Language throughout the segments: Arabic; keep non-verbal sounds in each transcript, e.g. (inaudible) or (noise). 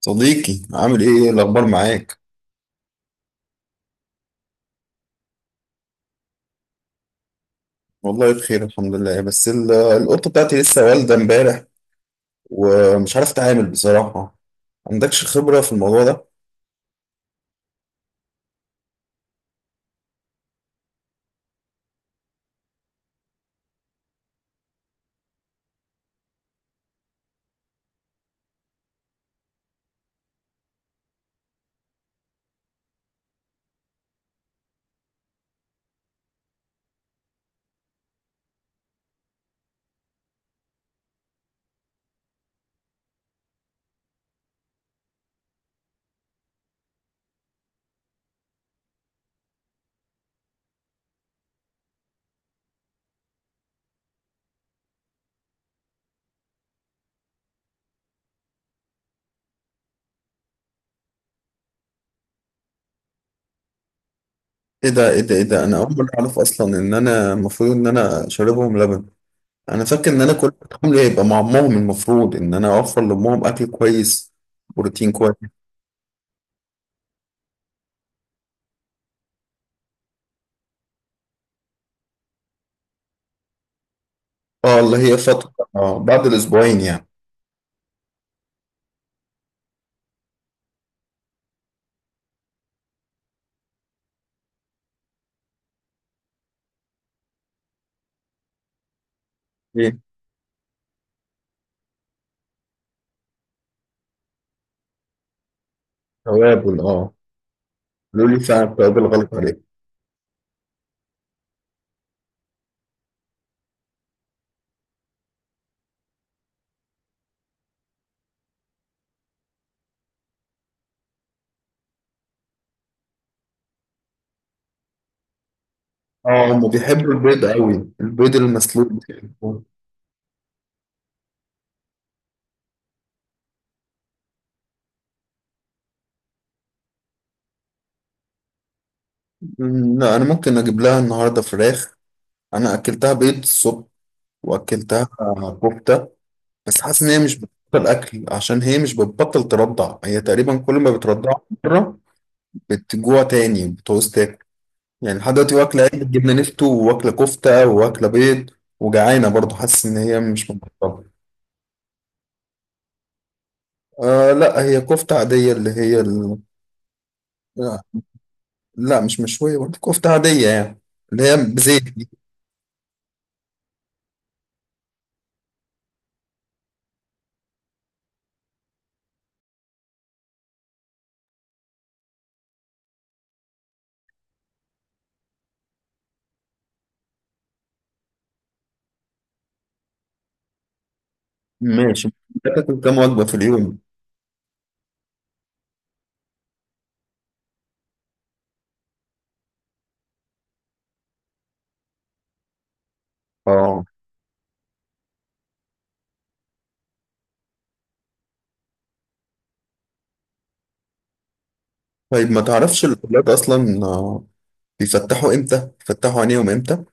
صديقي، عامل ايه؟ إيه الاخبار معاك؟ والله بخير، الحمد لله. بس القطه بتاعتي لسه والده امبارح. ومش عارف اتعامل بصراحه. عندكش خبره في الموضوع ده؟ ايه ده؟ انا اول مره اعرف اصلا ان انا المفروض ان انا شاربهم لبن. انا فاكر ان انا كل حمل هيبقى مع امهم، المفروض ان انا اوفر لامهم اكل كويس، بروتين كويس. اه، اللي هي فتره بعد الاسبوعين يعني. ايه، توابل، اه. قالوا لي فعلا التوابل غلط عليك. اه، هم بيحبوا البيض قوي، البيض المسلوق بيحبوه. لا، انا ممكن اجيب لها النهارده فراخ. انا اكلتها بيض الصبح، واكلتها كفته. بس حاسس ان هي مش بتبطل اكل، عشان هي مش بتبطل ترضع. هي تقريبا كل ما بترضع مره بتجوع تاني بتعوز تاكل. يعني لحد دلوقتي واكله عيش جبنه نفتو، واكله كفته، واكله بيض، وجعانه برضه، حاسس ان هي مش مبطله. آه، لا، هي كفته عاديه، اللي هي لا. لا، مش مشويه برضه، كفته عاديه يعني، اللي هي بزيت. ماشي، بتاكل كام وجبة في اليوم؟ اه، طيب، ما تعرفش الأولاد أصلا بيفتحوا إمتى؟ بيفتحوا عينيهم إمتى؟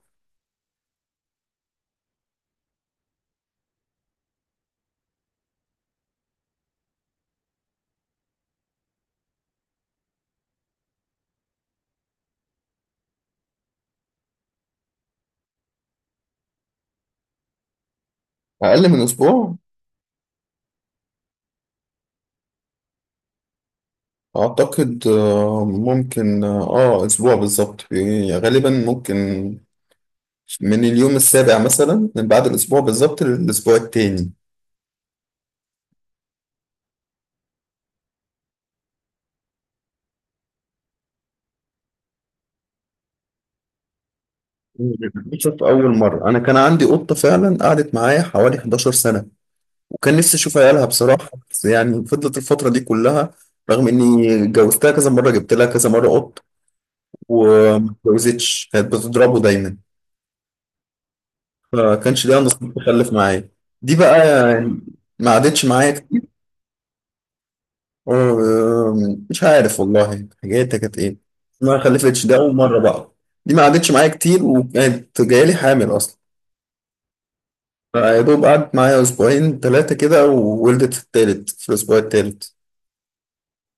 أقل من أسبوع؟ أعتقد ممكن أسبوع بالظبط يعني، غالبا ممكن من اليوم السابع مثلا، من بعد الأسبوع بالظبط للأسبوع التاني. بشوف أول مرة. أنا كان عندي قطة فعلا قعدت معايا حوالي 11 سنة، وكان نفسي أشوف عيالها بصراحة، بس يعني فضلت الفترة دي كلها رغم إني جوزتها كذا مرة، جبت لها كذا مرة قط، وما اتجوزتش، كانت بتضربه دايما. فكانش ليها نصيب تخلف معايا. دي بقى يعني ما عادتش معايا كتير. مش عارف والله حاجاتها كانت ايه. ما خلفتش، ده أول مرة بقى. دي ما عادتش معايا كتير، وكانت جايلي حامل أصلا. فيا دوب قعدت معايا أسبوعين ثلاثة كده، وولدت في التالت، في الأسبوع التالت.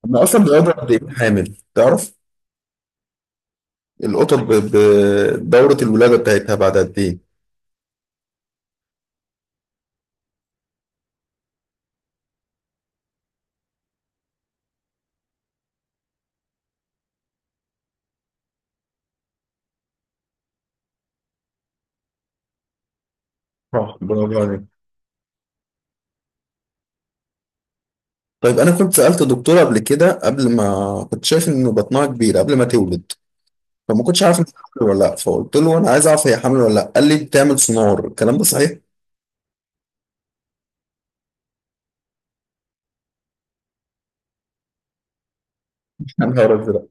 أنا أصلا بيقعدوا قد إيه حامل تعرف؟ القطط بدورة الولادة بتاعتها بعد قد إيه؟ صح، برافو عليك. طيب انا كنت سالت دكتوره قبل كده، قبل ما كنت شايف ان بطنها كبير قبل ما تولد. فما كنتش عارف إن هي حامل ولا لا، فقلت له انا عايز اعرف هي حامل ولا لا، قال لي بتعمل سونار. الكلام ده صحيح؟ (laughs) يا نهار أزرق.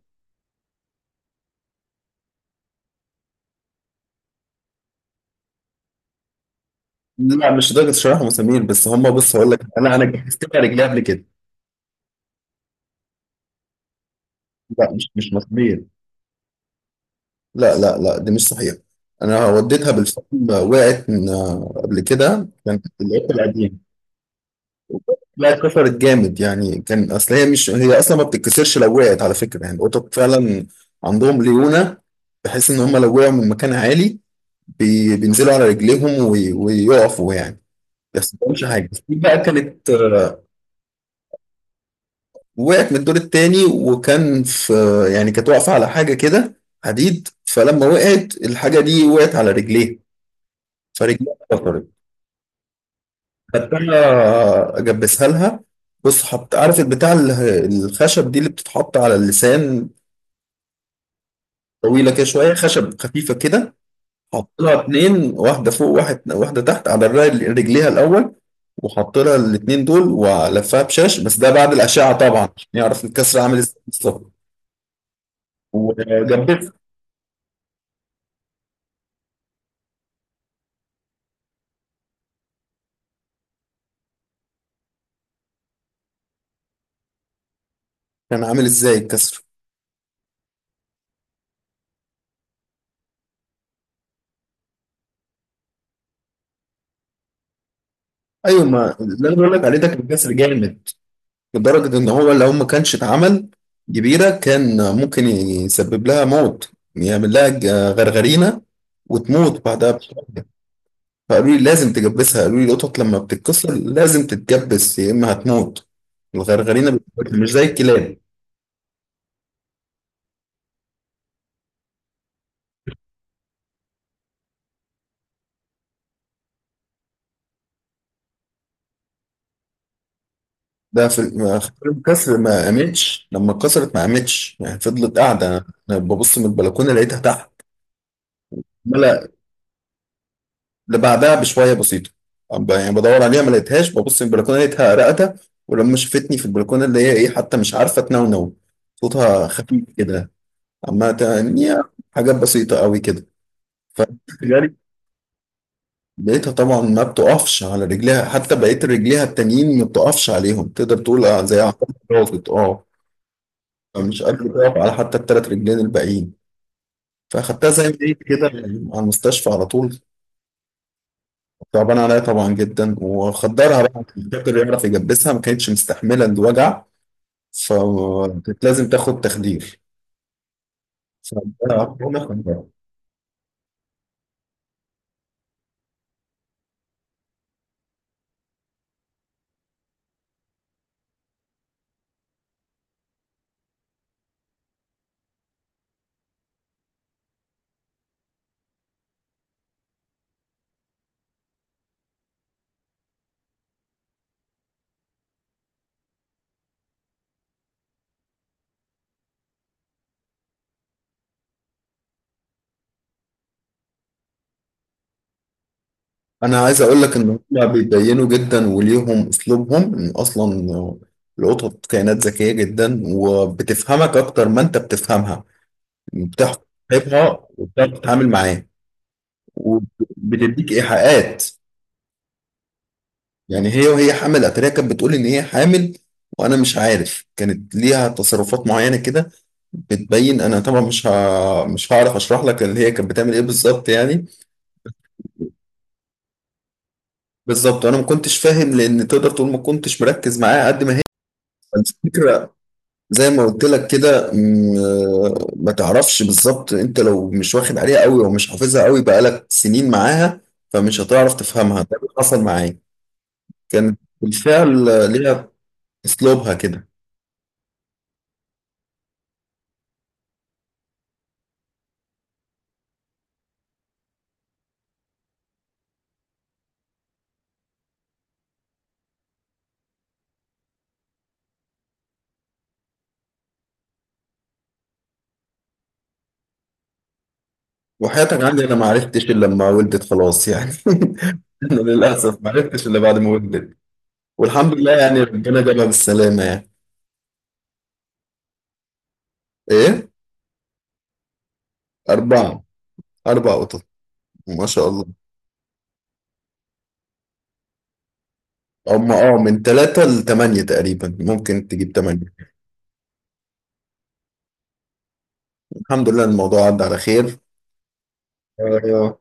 لا، مش درجه شرح مسامير بس. هم، بص، هقول لك، انا جهزت لها رجليها قبل كده. لا، مش مسامير. لا، لا، لا، دي مش صحيح. انا وديتها بالفعل. قبل كده، كانت العيادة القديمه. لا، اتكسرت جامد يعني. كان اصل هي مش، هي اصلا ما بتتكسرش لو وقعت على فكره، يعني القطط فعلا عندهم ليونه، بحيث ان هم لو وقعوا من مكان عالي بينزلوا على رجليهم ويقفوا يعني. بس ما بيحصلهمش حاجه. دي بقى كانت وقعت من الدور التاني، وكان في، يعني كانت واقفه على حاجه كده، حديد، فلما وقعت الحاجه دي وقعت على رجليها، فرجليها اتكسرت. خدتها اجبسها لها. بص، حط، عارف البتاع الخشب دي اللي بتتحط على اللسان، طويلة كده شوية، خشب خفيفة كده. حط لها اتنين، واحدة فوق، واحد واحدة تحت على رجليها الأول، وحط لها الاتنين دول ولفها بشاش، بس ده بعد الأشعة طبعا عشان يعرف الكسر عامل ازاي بالظبط. وجنبها. كان عامل ازاي الكسر؟ ايوه، ما اللي انا بقول لك عليه ده كان كسر جامد، لدرجة ان هو لو ما كانش اتعمل كبيرة كان ممكن يسبب لها موت، يعمل لها غرغرينة وتموت بعدها بشوية. فقالوا لي لازم تجبسها، قالوا لي القطط لما بتتكسر لازم تتجبس، يا اما هتموت. الغرغرينه بتموت، مش زي الكلاب. ده في خلال الكسر، ما قامتش. لما اتكسرت ما قامتش يعني، فضلت قاعده. انا ببص من البلكونه، لقيتها تحت. ملا، اللي بعدها بشويه بسيطه، يعني بدور عليها، ما لقيتهاش. ببص من البلكونه لقيتها رقدة. ولما شفتني في البلكونه، اللي هي ايه، حتى مش عارفه تنونو، صوتها خفيف كده، عمالة تغني حاجات بسيطه قوي كده. ف لقيتها طبعا ما بتقفش على رجليها، حتى بقيت رجليها التانيين ما بتقفش عليهم، تقدر تقول زي عقاب راقد، اه. فمش قادرة تقف على حتى التلات رجلين الباقيين. فاخدتها زي ما هي كده، على المستشفى على طول. تعبان عليا طبعا جدا، وخدرها بقى عشان الدكتور يعرف يجبسها، ما كانتش مستحملة الوجع، فكانت لازم تاخد تخدير. فأنا انا عايز اقول لك ان هم بيبينوا جدا، وليهم اسلوبهم. ان اصلا القطط كائنات ذكيه جدا، وبتفهمك اكتر ما انت بتفهمها. بتعرف تصاحبها، وبتعرف تتعامل معاه، وبتديك ايحاءات. يعني هي وهي حامل اتاريها كانت بتقول ان هي حامل، وانا مش عارف، كانت ليها تصرفات معينه كده بتبين. انا طبعا مش هعرف اشرح لك اللي هي كانت بتعمل ايه بالظبط يعني. بالظبط، انا ما كنتش فاهم، لان تقدر تقول ما كنتش مركز معاها قد ما هي. الفكرة، زي ما قلت لك كده، ما تعرفش بالظبط، انت لو مش واخد عليها قوي او مش حافظها قوي بقالك سنين معاها، فمش هتعرف تفهمها، ده اللي حصل معايا. كان بالفعل ليها اسلوبها كده. وحياتك عندي، انا ما عرفتش الا لما ولدت خلاص يعني. (laughs) انا للاسف ما عرفتش الا بعد ما ولدت. والحمد لله يعني، ربنا جابها بالسلامه يعني. ايه؟ اربعه. اربع قطط. ما شاء الله. هم، اه، من ثلاثة لثمانية تقريبا، ممكن تجيب ثمانية. الحمد لله الموضوع عدى على خير. آه،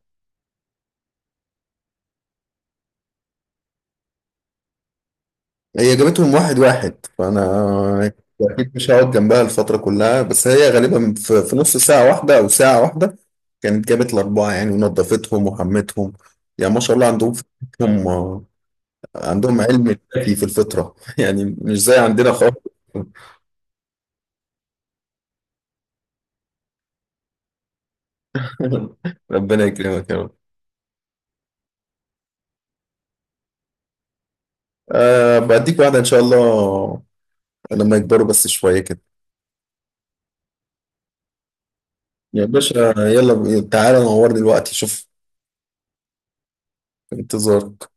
هي جابتهم واحد واحد. فانا اكيد مش هقعد جنبها الفتره كلها، بس هي غالبا في نص ساعه واحده او ساعه واحده كانت جابت الاربعه يعني، ونظفتهم وحمتهم. يعني ما شاء الله، عندهم فطرتهم عندهم علم الكافي في الفطره. (laughs) يعني مش زي عندنا خالص. (laughs) ربنا يكرمك يا رب. أه، بديك واحده ان شاء الله لما يكبروا بس شويه كده. يا باشا، يلا تعالى نورني دلوقتي، شوف. انتظارك.